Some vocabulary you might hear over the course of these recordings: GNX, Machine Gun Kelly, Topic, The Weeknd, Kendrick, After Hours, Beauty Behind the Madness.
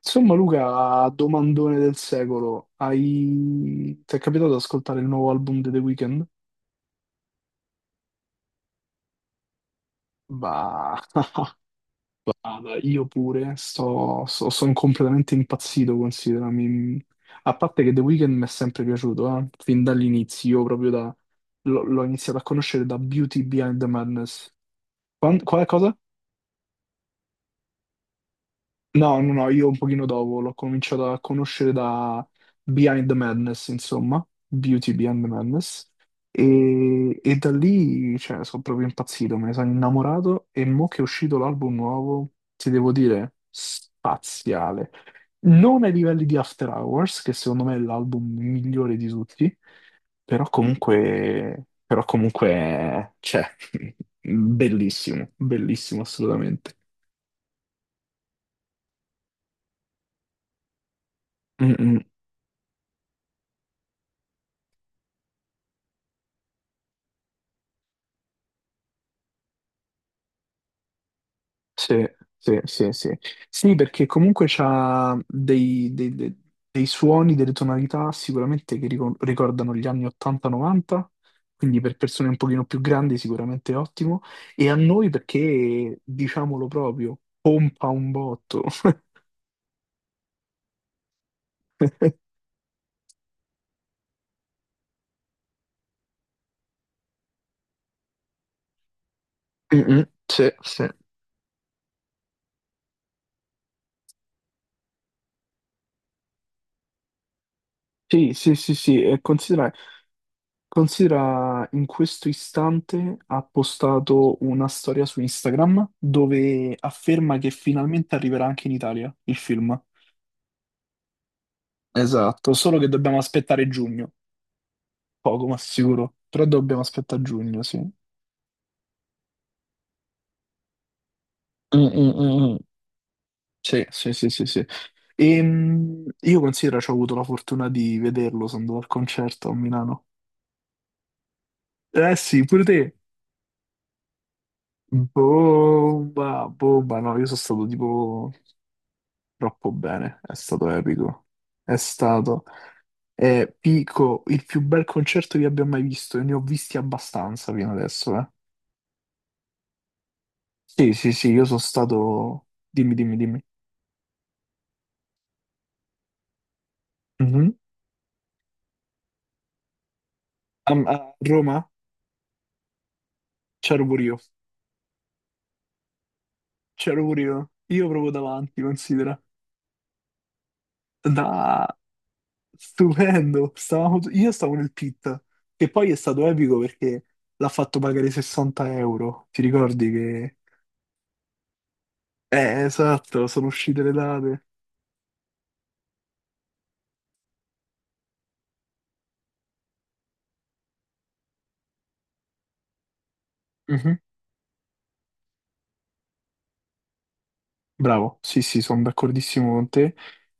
Insomma, Luca, domandone del secolo, ti è capitato di ascoltare il nuovo album di The Weeknd? Bah, guarda, io pure, sono completamente impazzito, considera. A parte che The Weeknd mi è sempre piaciuto, fin dall'inizio, l'ho iniziato a conoscere da Beauty Behind the Madness. Quale cosa? No, no, no, io un pochino dopo l'ho cominciato a conoscere da Behind the Madness, insomma, Beauty Behind the Madness, e da lì, cioè, sono proprio impazzito, me ne sono innamorato e mo che è uscito l'album nuovo, ti devo dire, spaziale. Non ai livelli di After Hours, che secondo me è l'album migliore di tutti, però comunque, bellissimo, bellissimo assolutamente. Mm, mm. Sì, sì, sì, sì. Sì, perché comunque c'ha dei, dei- dei- dei suoni, delle tonalità sicuramente che ricordano gli anni 80-90, quindi per persone un pochino più grandi sicuramente è ottimo, e a noi perché, diciamolo proprio, pompa un botto. Mm, mm. Sì, sì. Sì, sì, sì, sì, e considera, in questo istante ha postato una storia su Instagram dove afferma che finalmente arriverà anche in Italia il film. Esatto, solo che dobbiamo aspettare giugno, poco ma sicuro, però dobbiamo aspettare giugno, sì. Mm, mm, mm, mm. Sì, sì, sì, sì, sì. Io considero, ci ho avuto la fortuna di vederlo, sono andato al concerto a Milano. Eh sì, pure te. Bomba, bomba, no, io sono stato tipo troppo bene, è stato epico. È stato, pico, il più bel concerto che abbia mai visto e ne ho visti abbastanza fino adesso, eh. Sì, sì, sì, io sono stato... Dimmi, dimmi, dimmi. Mhm. A Roma c'ero pure io, c'ero pure io. Io proprio davanti, considera. Da... Stupendo. Stavamo... Io stavo nel pit, che poi è stato epico perché l'ha fatto pagare 60 euro. Ti ricordi che... esatto, sono uscite le date. Bravo, sì, sì, sono d'accordissimo con te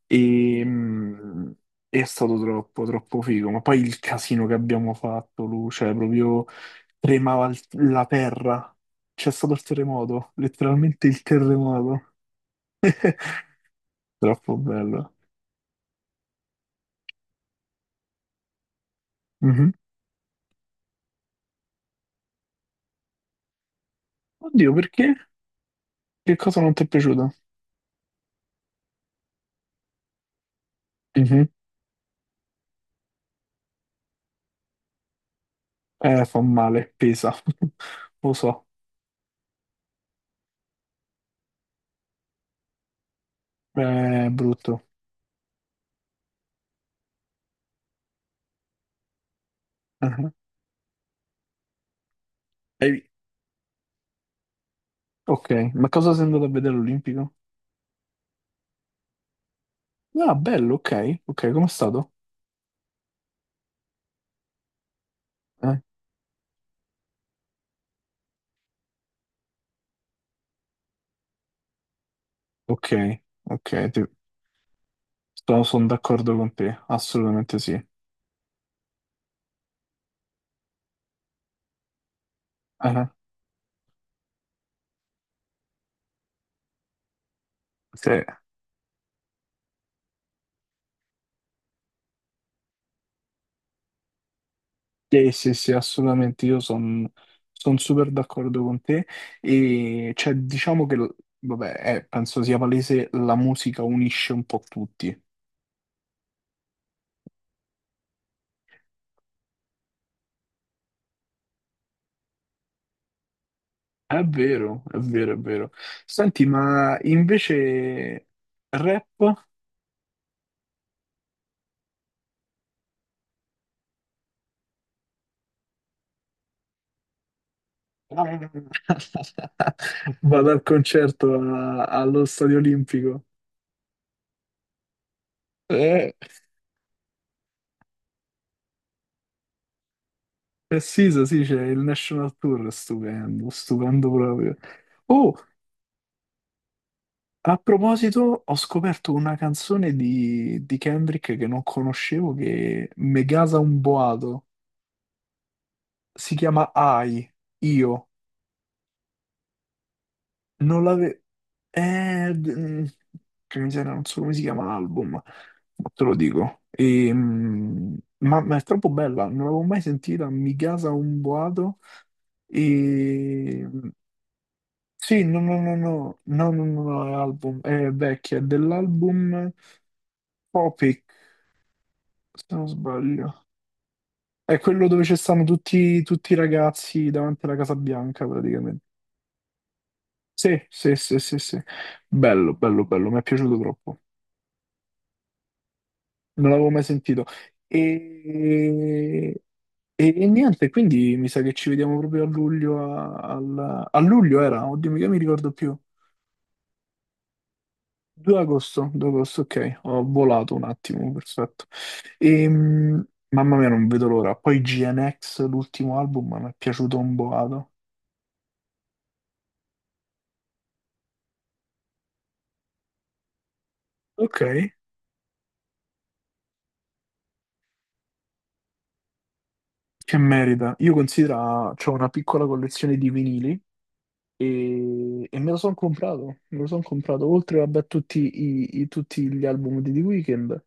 e è stato troppo, troppo figo, ma poi il casino che abbiamo fatto, Lu, cioè proprio tremava il- la terra, c'è stato il terremoto, letteralmente il terremoto, troppo bello. Mhm. Oddio, perché? Che cosa non ti è piaciuto? Mhm. Fa male, pesa, lo so, è brutto. Mhm. Hai- Ok, ma cosa sei andato a vedere all'Olimpico? Ah, bello, ok, ok, com'è stato? Eh, Ok, ok, ti- sono d'accordo con te, assolutamente sì. Eh, sì, sì, sì, sì, assolutamente, io sono super d'accordo con te. E cioè, diciamo che, vabbè, penso sia palese, la musica unisce un po' tutti. È vero, è vero, è vero. Senti, ma invece rap? Vado al concerto allo Stadio Olimpico. Eh, Precisa, sì, so, sì, c'è il National Tour, stupendo, stupendo proprio. Oh, a proposito, ho scoperto una canzone di Kendrick che non conoscevo, che me gasa un boato. Si chiama I, Io. Non l'avevo... Eh, d- mm, che miseria, non so come si chiama l'album, ma te lo dico. E, ma è troppo bella, non l'avevo mai sentita, mi gasa un boato. E Sì, no, no, no, no, no, no, no, no, è album, è vecchia, è dell'album Topic, se non sbaglio. È quello dove ci stanno tutti, tutti i ragazzi davanti alla Casa Bianca, praticamente. Sì, sì, sì, sì, sì. Bello, bello, bello, mi è piaciuto troppo. Non l'avevo mai sentito. E, niente, quindi mi sa che ci vediamo proprio a luglio, a luglio era, oddio, mica mi ricordo più. 2 agosto, 2 agosto, ok, ho volato un attimo, perfetto. Mamma mia, non vedo l'ora. Poi GNX, l'ultimo album, mi è piaciuto un boato. Ok, che merita. Io considero, c'ho una piccola collezione di vinili e me lo sono comprato, me lo sono comprato, oltre vabbè, a tutti, tutti gli album di The Weeknd,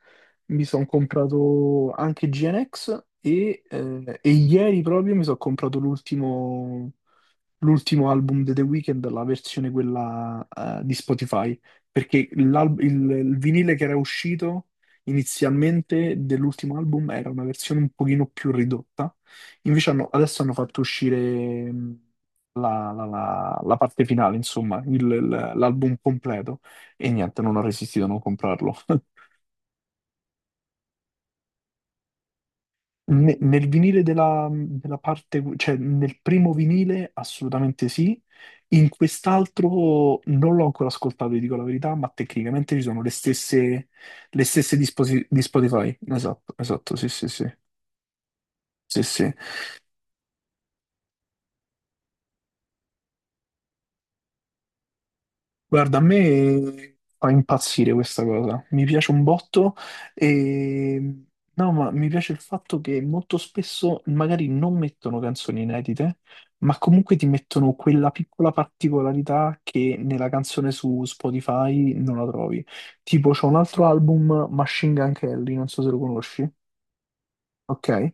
mi sono comprato anche GNX e ieri proprio mi sono comprato l'ultimo album di The Weeknd, la versione quella di Spotify, perché il vinile che era uscito inizialmente dell'ultimo album era una versione un pochino più ridotta, invece adesso hanno fatto uscire la parte finale, insomma, l'album completo, e niente, non ho resistito a non comprarlo. Nel vinile della parte, cioè nel primo vinile assolutamente sì, in quest'altro non l'ho ancora ascoltato, vi dico la verità, ma tecnicamente ci sono le stesse di, di Spotify. Esatto, esatto, sì, sì, sì, sì, sì. Guarda, a me fa impazzire questa cosa, mi piace un botto e no, ma mi piace il fatto che molto spesso magari non mettono canzoni inedite, ma comunque ti mettono quella piccola particolarità che nella canzone su Spotify non la trovi. Tipo, c'è un altro album, Machine Gun Kelly, non so se lo conosci, ok?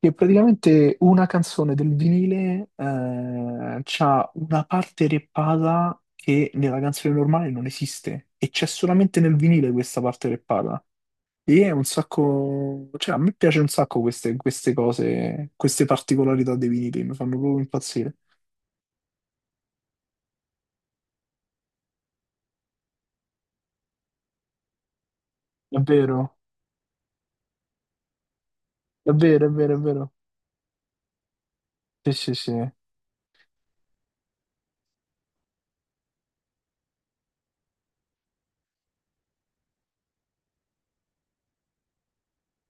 Che praticamente una canzone del vinile c'ha una parte reppata che nella canzone normale non esiste e c'è solamente nel vinile questa parte reppata. E è un sacco, cioè a me piace un sacco queste, queste cose, queste particolarità dei vinili, mi fanno proprio impazzire. È vero, è vero, è vero, è vero. Sì, sì, sì,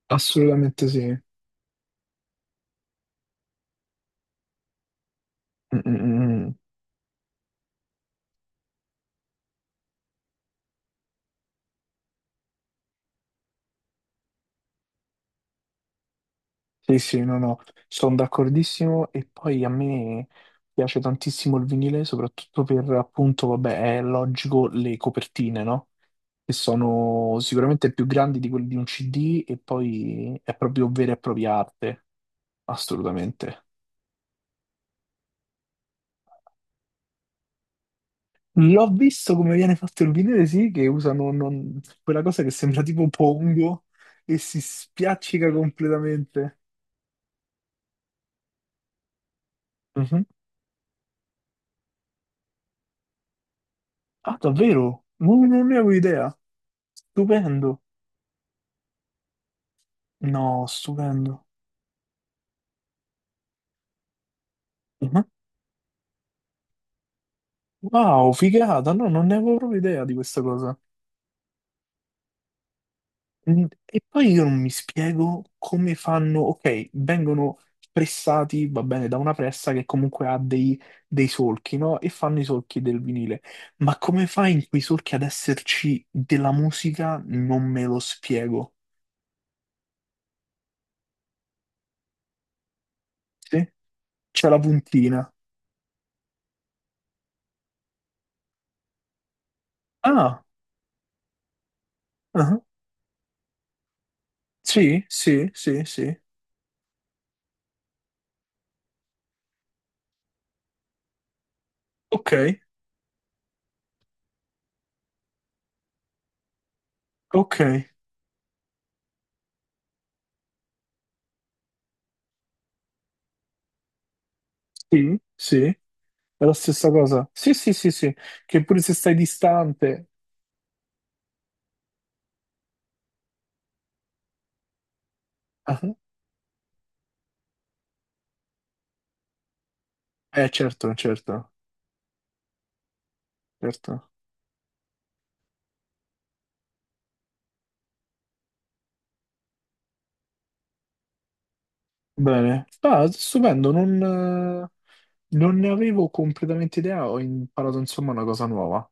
assolutamente sì. Mm, mm, mm, mm. Sì, sì, no, no, sono d'accordissimo e poi a me piace tantissimo il vinile, soprattutto per appunto, vabbè, è logico le copertine, no? Che sono sicuramente più grandi di quelle di un CD e poi è proprio vera e propria arte, assolutamente. L'ho visto come viene fatto il vinile, sì, che usano non- quella cosa che sembra tipo pongo e si spiaccica completamente. Mhm. Ah, davvero? Non ne avevo idea. Stupendo. No, stupendo. Mhm. Wow, figata, no, non ne avevo proprio idea di questa cosa. Mm. E poi io non mi spiego come fanno, ok, vengono pressati, va bene, da una pressa che comunque dei solchi, no? E fanno i solchi del vinile. Ma come fa in quei solchi ad esserci della musica? Non me lo spiego. Sì? C'è la puntina. Ah, ah, sì, sì, sì, sì. Ok, ok, sì, sì. È la stessa cosa. Sì, sì, sì, sì, che pure se stai distante. Ah, eh, certo, certo, certo. Bene. Ah, stupendo, eh, non ne avevo completamente idea, ho imparato insomma una cosa nuova.